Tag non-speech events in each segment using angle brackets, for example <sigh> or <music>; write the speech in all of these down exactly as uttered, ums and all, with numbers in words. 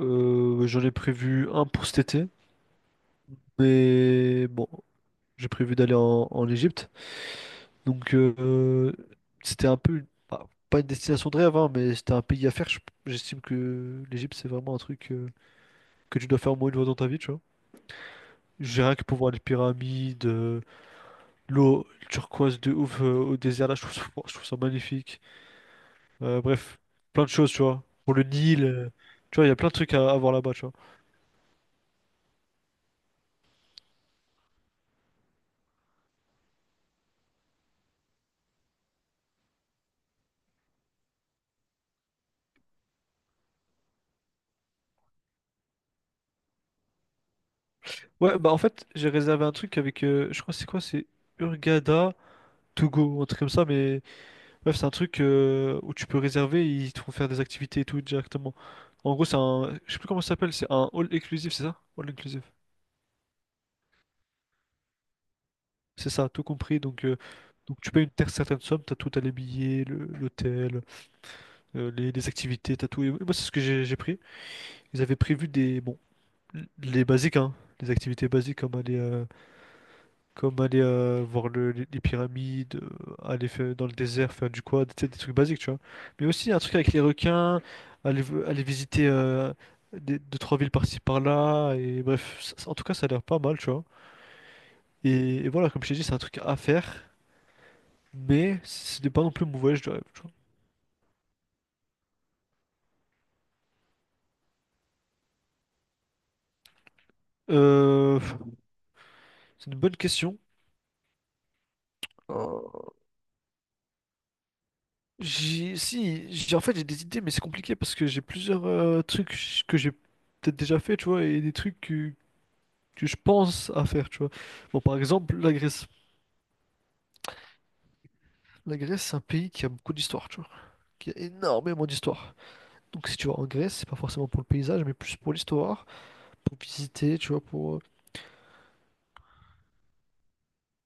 Euh, j'en ai prévu un pour cet été, mais bon, j'ai prévu d'aller en, en Égypte. Donc euh, C'était un peu, une- bah, pas une destination de rêve, hein, mais c'était un pays à faire. Je- J'estime que l'Égypte, c'est vraiment un truc euh, que tu dois faire au moins une fois dans ta vie, tu vois. J'ai rien que pour voir les pyramides, euh, l'eau turquoise de ouf euh, au désert, là, je trouve, ça je trouve ça magnifique. Euh, bref, plein de choses, tu vois. Pour le Nil, euh, tu vois, il y a plein de trucs à, à voir là-bas, tu vois. Ouais, bah en fait, j'ai réservé un truc avec, euh, je crois que c'est quoi, c'est Urgada to go, un truc comme ça, mais bref, c'est un truc euh, où tu peux réserver, ils te font faire des activités et tout directement. En gros, c'est un, je sais plus comment ça s'appelle, c'est un all inclusive, c'est ça? All inclusive. C'est ça, tout compris, donc, euh, donc tu payes une ter- certaine somme, t'as tout, t'as les billets, le- l'hôtel, euh, les, les activités, t'as tout. Et moi, c'est ce que j'ai j'ai pris. Ils avaient prévu des, bon, les basiques, hein, les activités basiques comme aller euh, Comme aller euh, voir le- les les pyramides, euh, aller faire- dans le désert, faire du quad, tu sais, des trucs basiques, tu vois. Mais aussi un truc avec les requins, aller, v- aller visiter euh, des- deux, trois villes par-ci par-là, et bref, ça- ça- en tout cas, ça a l'air pas mal, tu vois. Et, et voilà, comme je t'ai dit, c'est un truc à faire, mais ce n'est pas non plus mon voyage de rêve, tu vois. Euh, c'est une bonne question. Euh, J'ai, si, j'ai, en fait, j'ai des idées, mais c'est compliqué parce que j'ai plusieurs euh, trucs que j'ai peut-être déjà fait, tu vois, et des trucs que que je pense à faire, tu vois. Bon, par exemple, la Grèce. La Grèce, c'est un pays qui a beaucoup d'histoire, tu vois. Qui a énormément d'histoire. Donc, si tu vas en Grèce, c'est pas forcément pour le paysage, mais plus pour l'histoire, pour visiter, tu vois, pour... euh,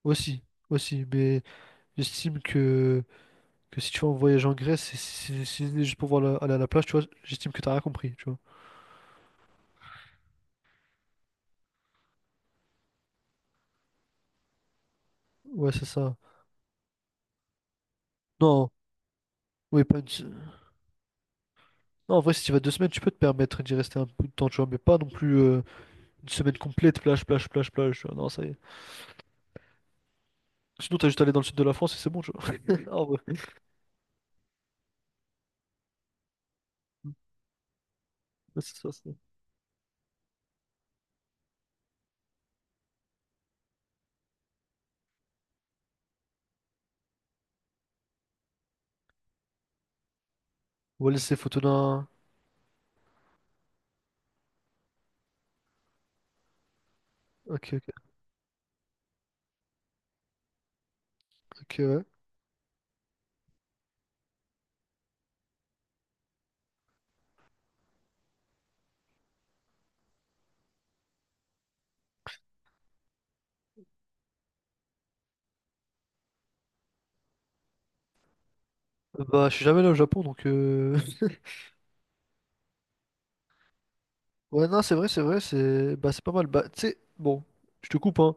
Aussi, aussi. Mais j'estime que, que si tu vas en voyage en Grèce, si c'est c'est- c'est juste pour voir la- aller à la plage, tu vois, j'estime que t'as rien compris, tu vois. Ouais, c'est ça. Non, oui, pas une... se- Non, en vrai, si tu vas deux semaines, tu peux te permettre d'y rester un peu de temps, tu vois, mais pas non plus euh, une semaine complète, plage, plage, plage, plage, tu vois. Non, ça y est. Sinon, t'as juste à aller dans le sud de la France et c'est bon, tu vois. <laughs> Ah ouais. Ouais, c'est ça, c'est ça. Wallis et Futuna. Ok, ok, ok, ouais. Euh, Bah, je suis jamais allé au Japon, donc... euh, <laughs> Ouais, non, c'est vrai, c'est vrai, c'est... Bah, c'est pas mal. Bah, tu sais, bon, je te coupe, hein.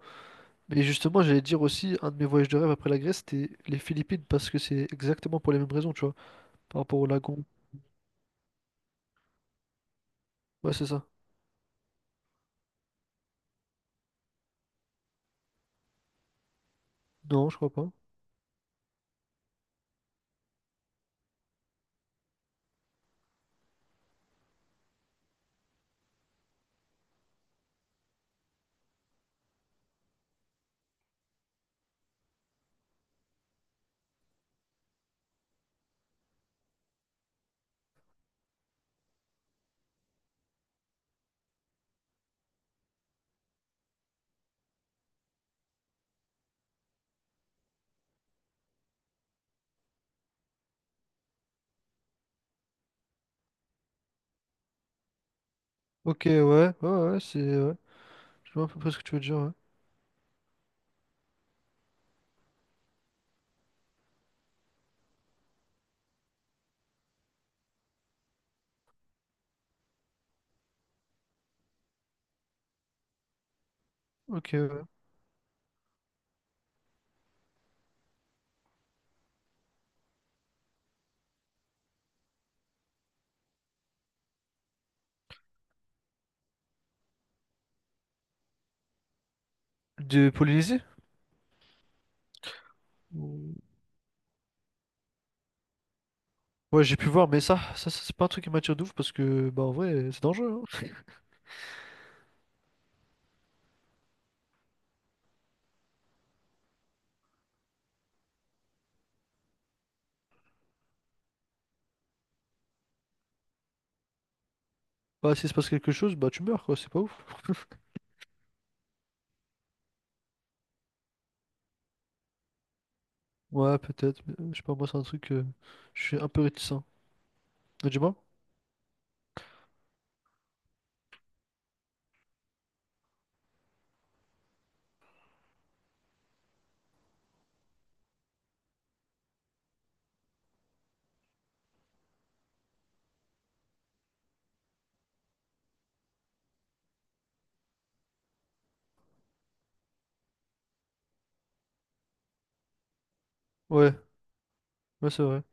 Mais justement, j'allais dire aussi, un de mes voyages de rêve après la Grèce, c'était les Philippines, parce que c'est exactement pour les mêmes raisons, tu vois, par rapport au lagon. Ouais, c'est ça. Non, je crois pas. Ok, ouais, ouais, ouais, c'est... Ouais. Je vois à peu près ce que tu veux dire, ouais. Ok, ouais. De Polynésie? Ou- Ouais, j'ai pu voir, mais ça, ça, ça, c'est pas un truc qui m'attire de ouf parce que, bah, en vrai, c'est dangereux. Hein. Bah, s'il se passe quelque chose, bah, tu meurs, quoi, c'est pas ouf. Ouais, peut-être, mais, euh, je sais pas, moi, c'est un truc, euh, je suis un peu réticent. Ah, dis-moi? Ouais, ouais, c'est vrai.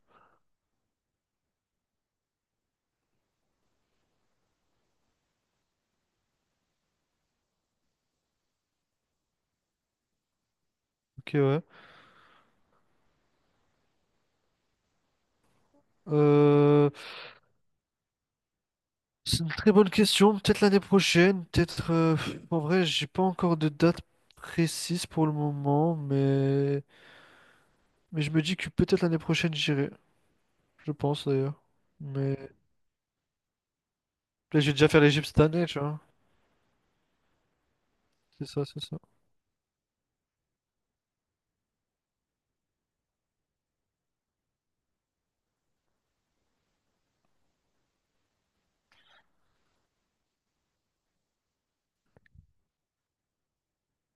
Ok, ouais. Euh, c'est une très bonne question, peut-être l'année prochaine, peut-être. euh, pff, En vrai, j'ai pas encore de date précise pour le moment, mais, mais je me dis que peut-être l'année prochaine, j'irai. Je pense, d'ailleurs. Mais, là, j'ai déjà fait l'Égypte cette année, tu vois. C'est ça, c'est ça.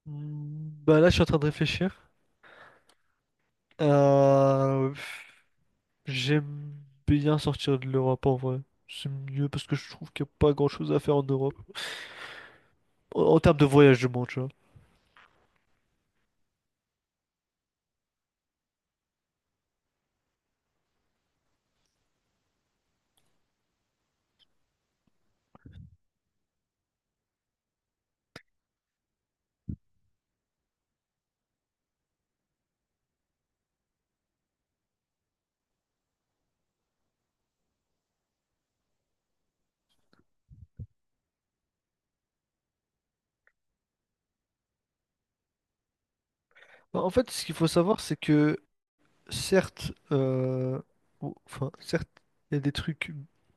Hmm, bah là, je suis en train de réfléchir. Euh, J'aime bien sortir de l'Europe en vrai. C'est mieux parce que je trouve qu'il n'y a pas grand-chose à faire en Europe. En, en termes de voyage, je monde tu vois. Bah, en fait, ce qu'il faut savoir, c'est que certes, euh, ou- enfin, certes, il y a des trucs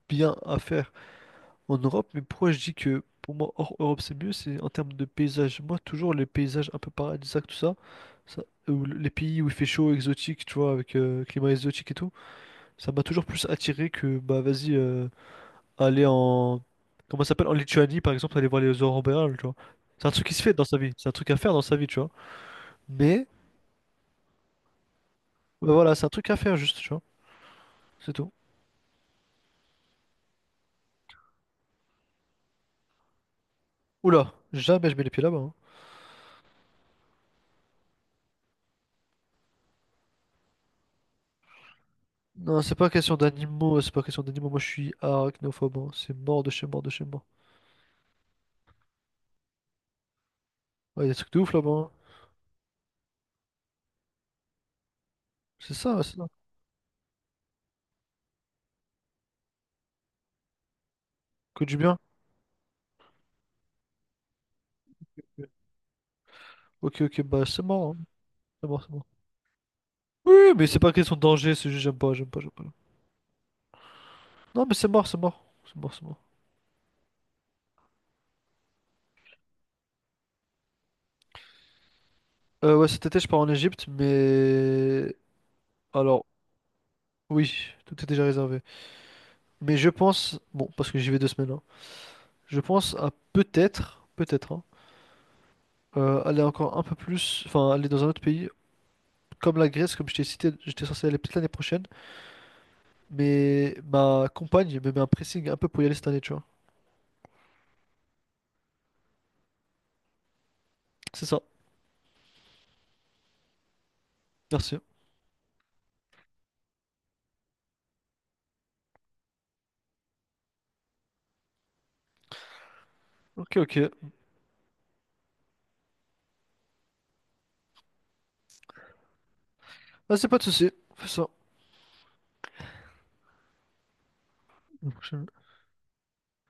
bien à faire en Europe, mais pourquoi je dis que pour moi, hors Europe, c'est mieux, c'est en termes de paysages. Moi, toujours les paysages un peu paradisiaques, tout ça, ça- ou les pays où il fait chaud, exotique, tu vois, avec euh, climat exotique et tout. Ça m'a toujours plus attiré que, bah vas-y, euh, aller en... Comment ça s'appelle? En Lituanie, par exemple, aller voir les aurores boréales, tu vois. C'est un truc qui se fait dans sa vie, c'est un truc à faire dans sa vie, tu vois. Mais, bah voilà, c'est un truc à faire juste, tu vois. C'est tout. Oula, jamais je mets les pieds là-bas. Hein. Non, c'est pas question d'animaux, c'est pas question d'animaux. Moi, je suis arachnophobe, hein. C'est mort de chez mort de chez mort. Ouais, y a des trucs de ouf là-bas. Hein. C'est ça, c'est ça. Que du bien. Ok, ok, bah c'est mort, hein. C'est mort, c'est mort. Oui, mais c'est pas question de danger, c'est juste j'aime pas, j'aime pas, j'aime pas. Non, mais c'est mort, c'est mort. C'est mort, c'est mort. Euh, ouais, cet été, je pars en Égypte, mais... Alors, oui, tout est déjà réservé. Mais je pense, bon, parce que j'y vais deux semaines, hein, je pense à peut-être, peut-être, hein, euh, aller encore un peu plus, enfin, aller dans un autre pays, comme la Grèce, comme je t'ai cité, j'étais censé aller peut-être l'année prochaine, mais ma compagne me met un pressing un peu pour y aller cette année, tu vois. C'est ça, merci. Ok, ok. Ah, c'est pas de souci, fais ça.